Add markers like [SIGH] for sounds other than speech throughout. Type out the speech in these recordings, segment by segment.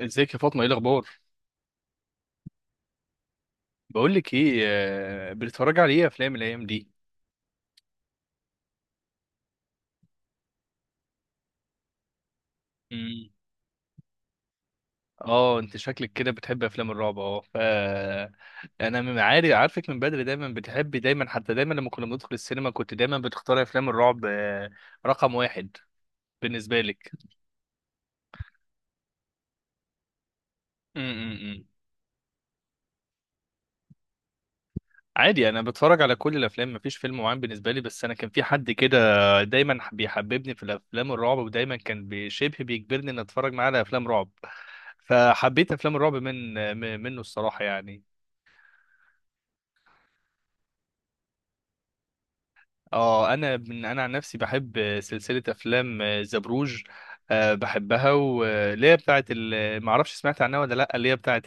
ازيك يا فاطمه؟ ايه الاخبار؟ بقول لك ايه. بتتفرج على ايه افلام الايام دي؟ امم. اه انت شكلك كده بتحب افلام الرعب. اه ف انا من عارف عارفك من بدري، دايما بتحبي، دايما حتى دايما لما كنا بندخل السينما كنت دايما بتختاري افلام الرعب، رقم واحد بالنسبه لك. امم. عادي، انا بتفرج على كل الافلام، مفيش فيلم معين بالنسبه لي، بس انا كان في حد كده دايما بيحببني في الافلام الرعب، ودايما كان بشبه بيجبرني ان اتفرج معاه على افلام رعب، فحبيت افلام الرعب منه الصراحه يعني. اه، انا عن نفسي بحب سلسله افلام زبروج، بحبها، واللي هي ما اعرفش سمعت عنها ولا لا، اللي هي بتاعه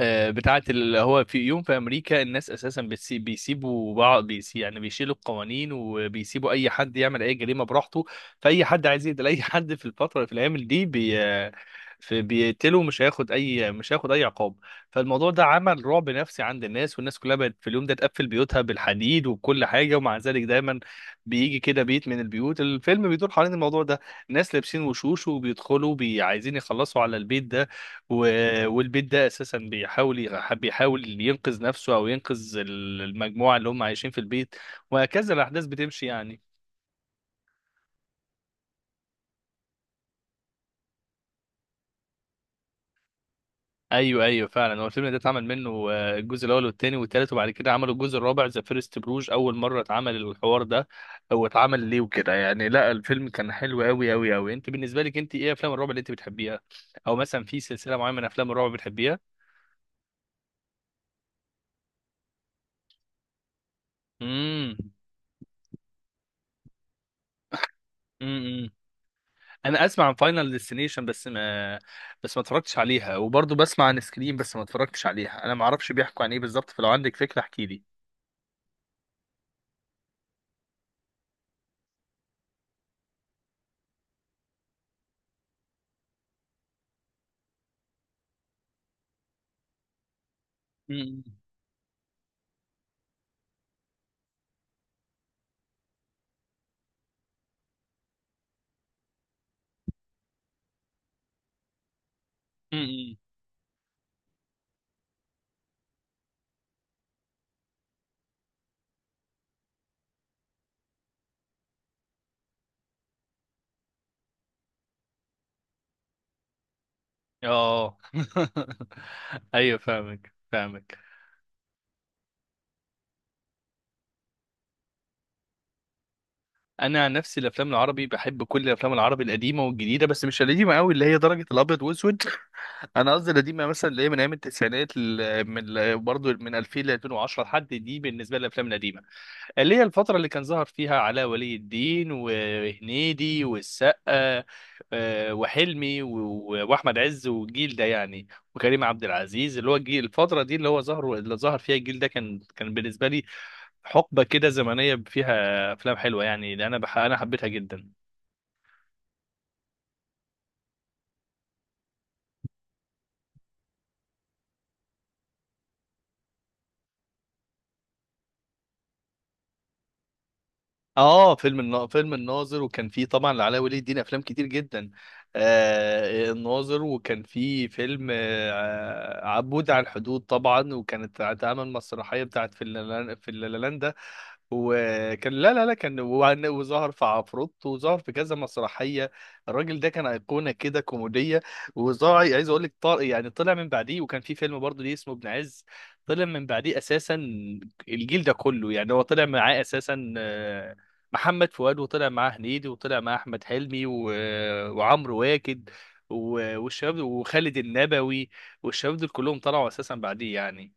آه، بتاعه اللي هو في يوم في امريكا الناس اساسا بيسيبوا بعض، يعني بيشيلوا القوانين وبيسيبوا اي حد يعمل اي جريمه براحته. فاي حد عايز يقتل اي [LAUGHS] حد في الفتره، في الايام دي بي في بيقتله، مش هياخد اي، مش هياخد اي عقاب. فالموضوع ده عمل رعب نفسي عند الناس، والناس كلها بقت في اليوم ده تقفل بيوتها بالحديد وبكل حاجه، ومع ذلك دايما بيجي كده بيت من البيوت، الفيلم بيدور حوالين الموضوع ده. ناس لابسين وشوش وبيدخلوا عايزين يخلصوا على البيت ده، والبيت ده اساسا بيحاول ينقذ نفسه او ينقذ المجموعه اللي هم عايشين في البيت، وهكذا الاحداث بتمشي يعني. ايوه ايوه فعلا، هو الفيلم ده اتعمل منه الجزء الاول والثاني والثالث، وبعد كده عملوا الجزء الرابع ذا فيرست بروج. اول مره اتعمل الحوار ده هو اتعمل ليه وكده يعني، لا الفيلم كان حلو قوي قوي قوي. انت بالنسبه لك، انت ايه افلام الرعب اللي انت بتحبيها؟ او مثلا في سلسله معينه من افلام الرعب بتحبيها؟ امم. انا اسمع عن فاينل ديستنيشن بس ما اتفرجتش عليها، وبرضه بسمع عن سكريم بس ما اتفرجتش عليها، انا ما اعرفش بيحكوا عن ايه بالظبط، فلو عندك فكرة احكي لي. م- م- م. اه. [LAUGHS] ايوه فاهمك فاهمك. انا عن نفسي الافلام العربي، بحب كل الافلام العربي القديمه والجديده، بس مش القديمه قوي اللي هي درجه الابيض واسود. [LAUGHS] انا قصدي القديمه مثلا اللي هي من ايام التسعينات، من برضه من 2000 ل 2010 لحد دي بالنسبه للافلام القديمه، اللي هي الفترة اللي كان ظهر فيها علاء ولي الدين وهنيدي والسقا، وحلمي وأحمد عز والجيل ده يعني، وكريم عبد العزيز. اللي هو الجيل الفترة دي اللي هو ظهر، اللي ظهر فيها الجيل ده، كان بالنسبة لي حقبة كده زمنية فيها أفلام حلوة، يعني اللي أنا حبيتها جدا. اه فيلم الناظر، وكان فيه طبعا لعلاء ولي الدين افلام كتير جدا، آه الناظر، وكان فيه فيلم آه عبود على الحدود طبعا، وكانت اتعمل مسرحيه بتاعت في اللالاندا، وكان لا لا لا كان وعن- وظهر في عفروت، وظهر في كذا مسرحيه. الراجل ده كان ايقونه كده كوميديه، وظهر، عايز اقول لك طار يعني، طلع من بعديه، وكان في فيلم برضه ليه اسمه ابن عز. طلع من بعديه اساسا الجيل ده كله يعني، هو طلع معاه اساسا محمد فؤاد، وطلع معاه هنيدي، وطلع معاه احمد حلمي، وعمرو واكد، و... وخالد النبوي، والشباب دول كلهم طلعوا اساسا بعديه يعني.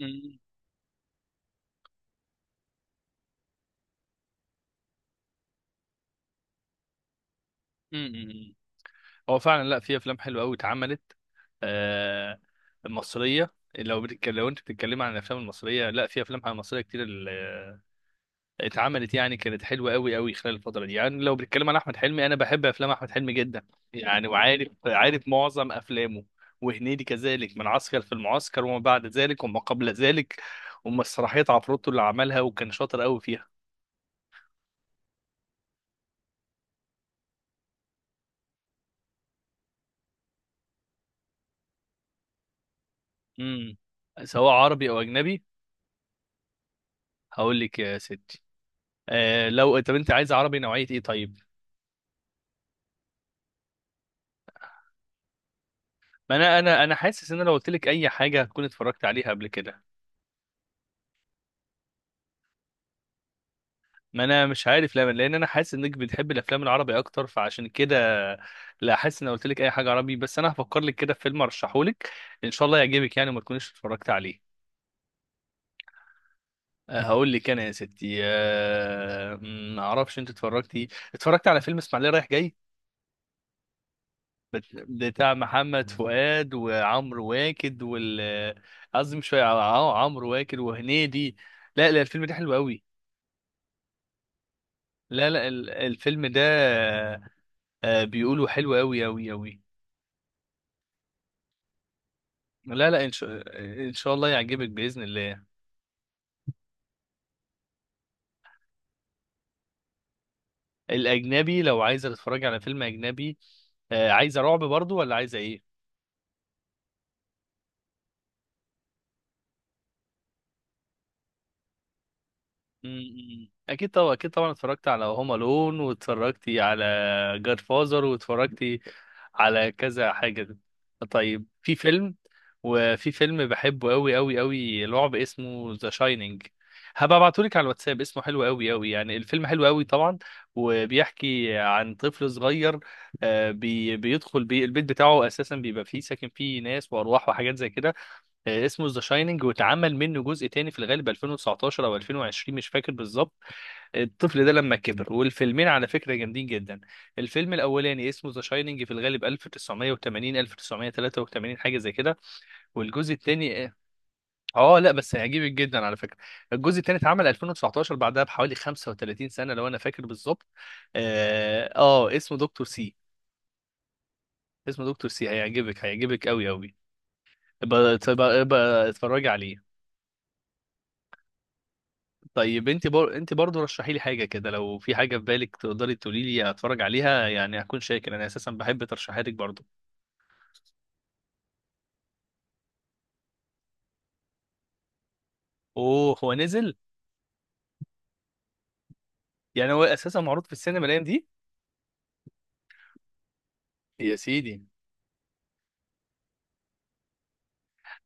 مم. مم. مم. هو فعلا لا، في افلام حلوه قوي اتعملت، آه مصريه. لو بتتكلم، لو انت بتتكلم عن الافلام المصريه، لا في افلام مصريه كتير اتعملت يعني، كانت حلوه قوي قوي خلال الفتره دي. يعني لو بنتكلم عن احمد حلمي، انا بحب افلام احمد حلمي جدا يعني، وعارف معظم افلامه. وهنيدي كذلك، من عسكر في المعسكر وما بعد ذلك وما قبل ذلك، ومسرحيات عفروتو اللي عملها، وكان شاطر قوي فيها. امم. سواء عربي او اجنبي. هقول لك يا ستي، آه لو، طب انت عايز عربي نوعيه ايه طيب؟ ما انا حاسس ان أنا لو قلت لك اي حاجه هتكون اتفرجت عليها قبل كده، ما انا مش عارف ليه، لان انا حاسس انك بتحب الافلام العربي اكتر فعشان كده، لا، حاسس ان قلت لك اي حاجه عربي، بس انا هفكر لك كده في فيلم ارشحه لك ان شاء الله يعجبك يعني وما تكونيش اتفرجت عليه. هقول لك انا يا ستي، ما اعرفش انت اتفرجتي، اتفرجت على فيلم اسماعيليه رايح جاي، بتاع محمد فؤاد وعمرو واكد وال، قصدي مش فاهم، اه عمرو واكد وهنيدي. لا لا الفيلم ده حلو قوي، لا لا الفيلم ده، بيقولوا حلو قوي قوي قوي. لا لا ان شاء الله يعجبك باذن الله. الاجنبي لو عايزه تتفرجي على فيلم اجنبي، عايزه رعب برضو ولا عايزه ايه؟ أمم. اكيد طبعا، اكيد طبعا اتفرجت على هوم الون، واتفرجتي على جاد فازر، واتفرجتي على كذا حاجه. طيب في فيلم، وفي فيلم بحبه قوي قوي قوي لعب، اسمه ذا شاينينج، هبقى ابعتهولك على الواتساب، اسمه حلو قوي قوي يعني، الفيلم حلو قوي طبعا. وبيحكي عن طفل صغير، آه، بي بيدخل بي البيت بتاعه اساسا بيبقى فيه ساكن فيه ناس وارواح وحاجات زي كده. اسمه ذا شايننج، واتعمل منه جزء تاني في الغالب 2019 او 2020 مش فاكر بالظبط، الطفل ده لما كبر. والفيلمين على فكره جامدين جدا. الفيلم الاولاني اسمه ذا شايننج في الغالب 1980 1983 حاجه زي كده، والجزء التاني اه، لا بس هيعجبك جدا على فكره. الجزء التاني اتعمل 2019، بعدها بحوالي 35 سنه لو انا فاكر بالظبط. اه اسمه دكتور سي، اسمه دكتور سي، هيعجبك هيعجبك قوي قوي. اتفرجي عليه. طيب انت انت برضه رشحي لي حاجه كده، لو في حاجه في بالك تقدري تقولي لي اتفرج عليها يعني هكون شاكر، انا اساسا بحب ترشيحاتك برضه. اوه هو نزل؟ يعني هو اساسا معروض في السينما الايام دي. يا سيدي.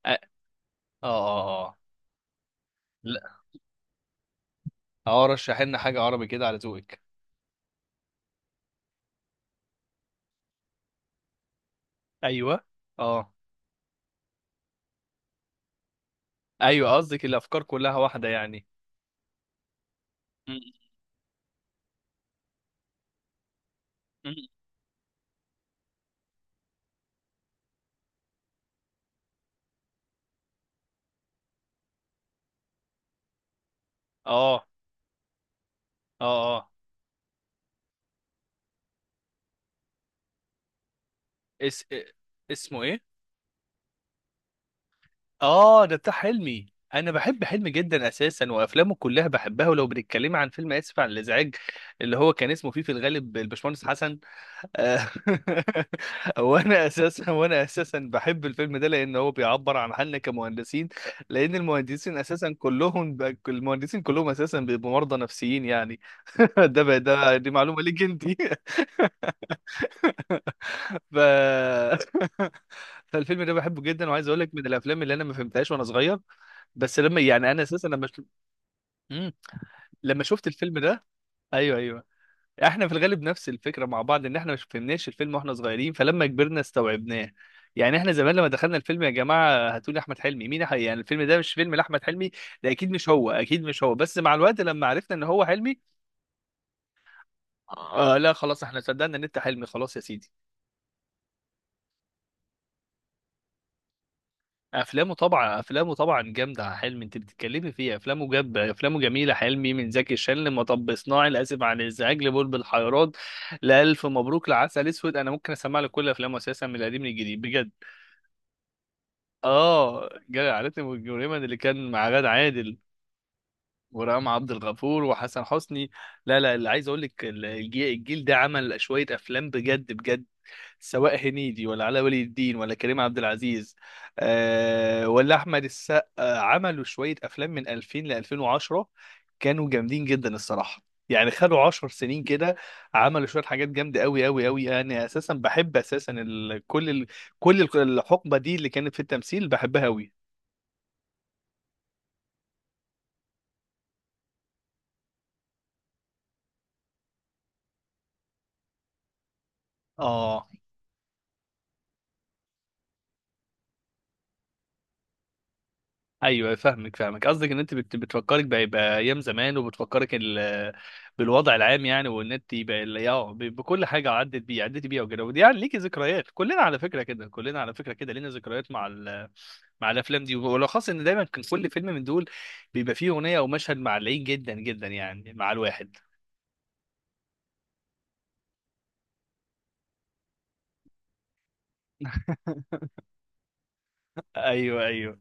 اه اه اه اه. لا. اه رشحي لنا حاجه عربي كده على ذوقك. ايوه. اه ايوه قصدك الافكار كلها واحده يعني. م- م- اه اه اه. اس... اسمه ايه؟ اه ده بتاع حلمي، انا بحب حلمي جدا اساسا، وافلامه كلها بحبها. ولو بنتكلم عن فيلم اسف على الازعاج، اللي هو كان اسمه فيه في الغالب الباشمهندس حسن، آه، [LAUGHS] وانا اساسا بحب الفيلم ده لان هو بيعبر عن حالنا كمهندسين، لان المهندسين اساسا المهندسين كلهم اساسا بيبقوا مرضى نفسيين يعني. [LAUGHS] ده بقى، ده دي معلومه ليك انت. [LAUGHS] ف... [LAUGHS] فالفيلم ده بحبه جدا، وعايز اقول لك من الافلام اللي انا ما فهمتهاش وانا صغير، بس لما يعني انا اساسا مم. لما شفت الفيلم ده، ايوه ايوه، احنا في الغالب نفس الفكره مع بعض، ان احنا مش فهمناش الفيلم واحنا صغيرين، فلما كبرنا استوعبناه يعني. احنا زمان لما دخلنا الفيلم يا جماعه هاتوا لي احمد حلمي، يعني الفيلم ده مش فيلم لاحمد حلمي، ده اكيد مش هو اكيد مش هو، بس مع الوقت لما عرفنا ان هو حلمي، آه لا خلاص احنا صدقنا ان انت حلمي خلاص يا سيدي. افلامه طبعا، افلامه طبعا جامده يا حلمي، انت بتتكلمي فيه، افلامه جاب، افلامه جميله حلمي، من زكي شان لمطب صناعي لاسف عن الازعاج لبلبل حيران لالف مبروك لعسل اسود، انا ممكن اسمع لك كل افلامه اساسا من القديم للجديد بجد. اه جاي عائلتنا والجريمه اللي كان مع غادة عادل ورام عبد الغفور وحسن حسني. لا لا اللي عايز اقول لك، الجيل، الجيل ده عمل شويه افلام بجد بجد، سواء هنيدي ولا علاء ولي الدين ولا كريم عبد العزيز، آه ولا احمد السقا، عملوا شويه افلام من 2000 ل 2010، كانوا جامدين جدا الصراحه. يعني خدوا 10 سنين كده عملوا شويه حاجات جامده قوي قوي قوي. انا اساسا بحب اساسا كل الحقبه دي اللي كانت في التمثيل بحبها قوي. اه ايوه فاهمك فاهمك، قصدك ان انت بتفكرك بايام زمان، وبتفكرك بالوضع العام يعني، وان انت يبقى بكل حاجه عدت بيه، عدت بيها وكده، ودي يعني ليكي ذكريات، كلنا على فكره كده، كلنا على فكره كده لينا ذكريات مع مع الافلام دي، وبالاخص ان دايما كان كل فيلم من دول بيبقى فيه اغنيه او مشهد معلقين جدا جدا يعني مع الواحد. [LAUGHS] ايوه ايوه.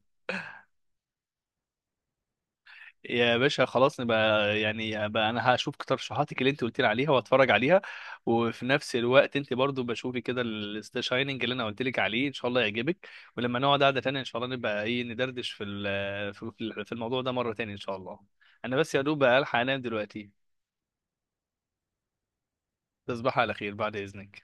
يا باشا خلاص نبقى يعني بقى، انا هشوف ترشيحاتك اللي انت قلت لي عليها واتفرج عليها، وفي نفس الوقت انت برضو بشوفي كده الستا شايننج اللي انا قلت لك عليه ان شاء الله يعجبك، ولما نقعد قعده تانية ان شاء الله نبقى ايه ندردش في ال- في في- في الموضوع ده مره تانية ان شاء الله. انا بس يا دوب الحق انام دلوقتي. تصبح على خير بعد اذنك.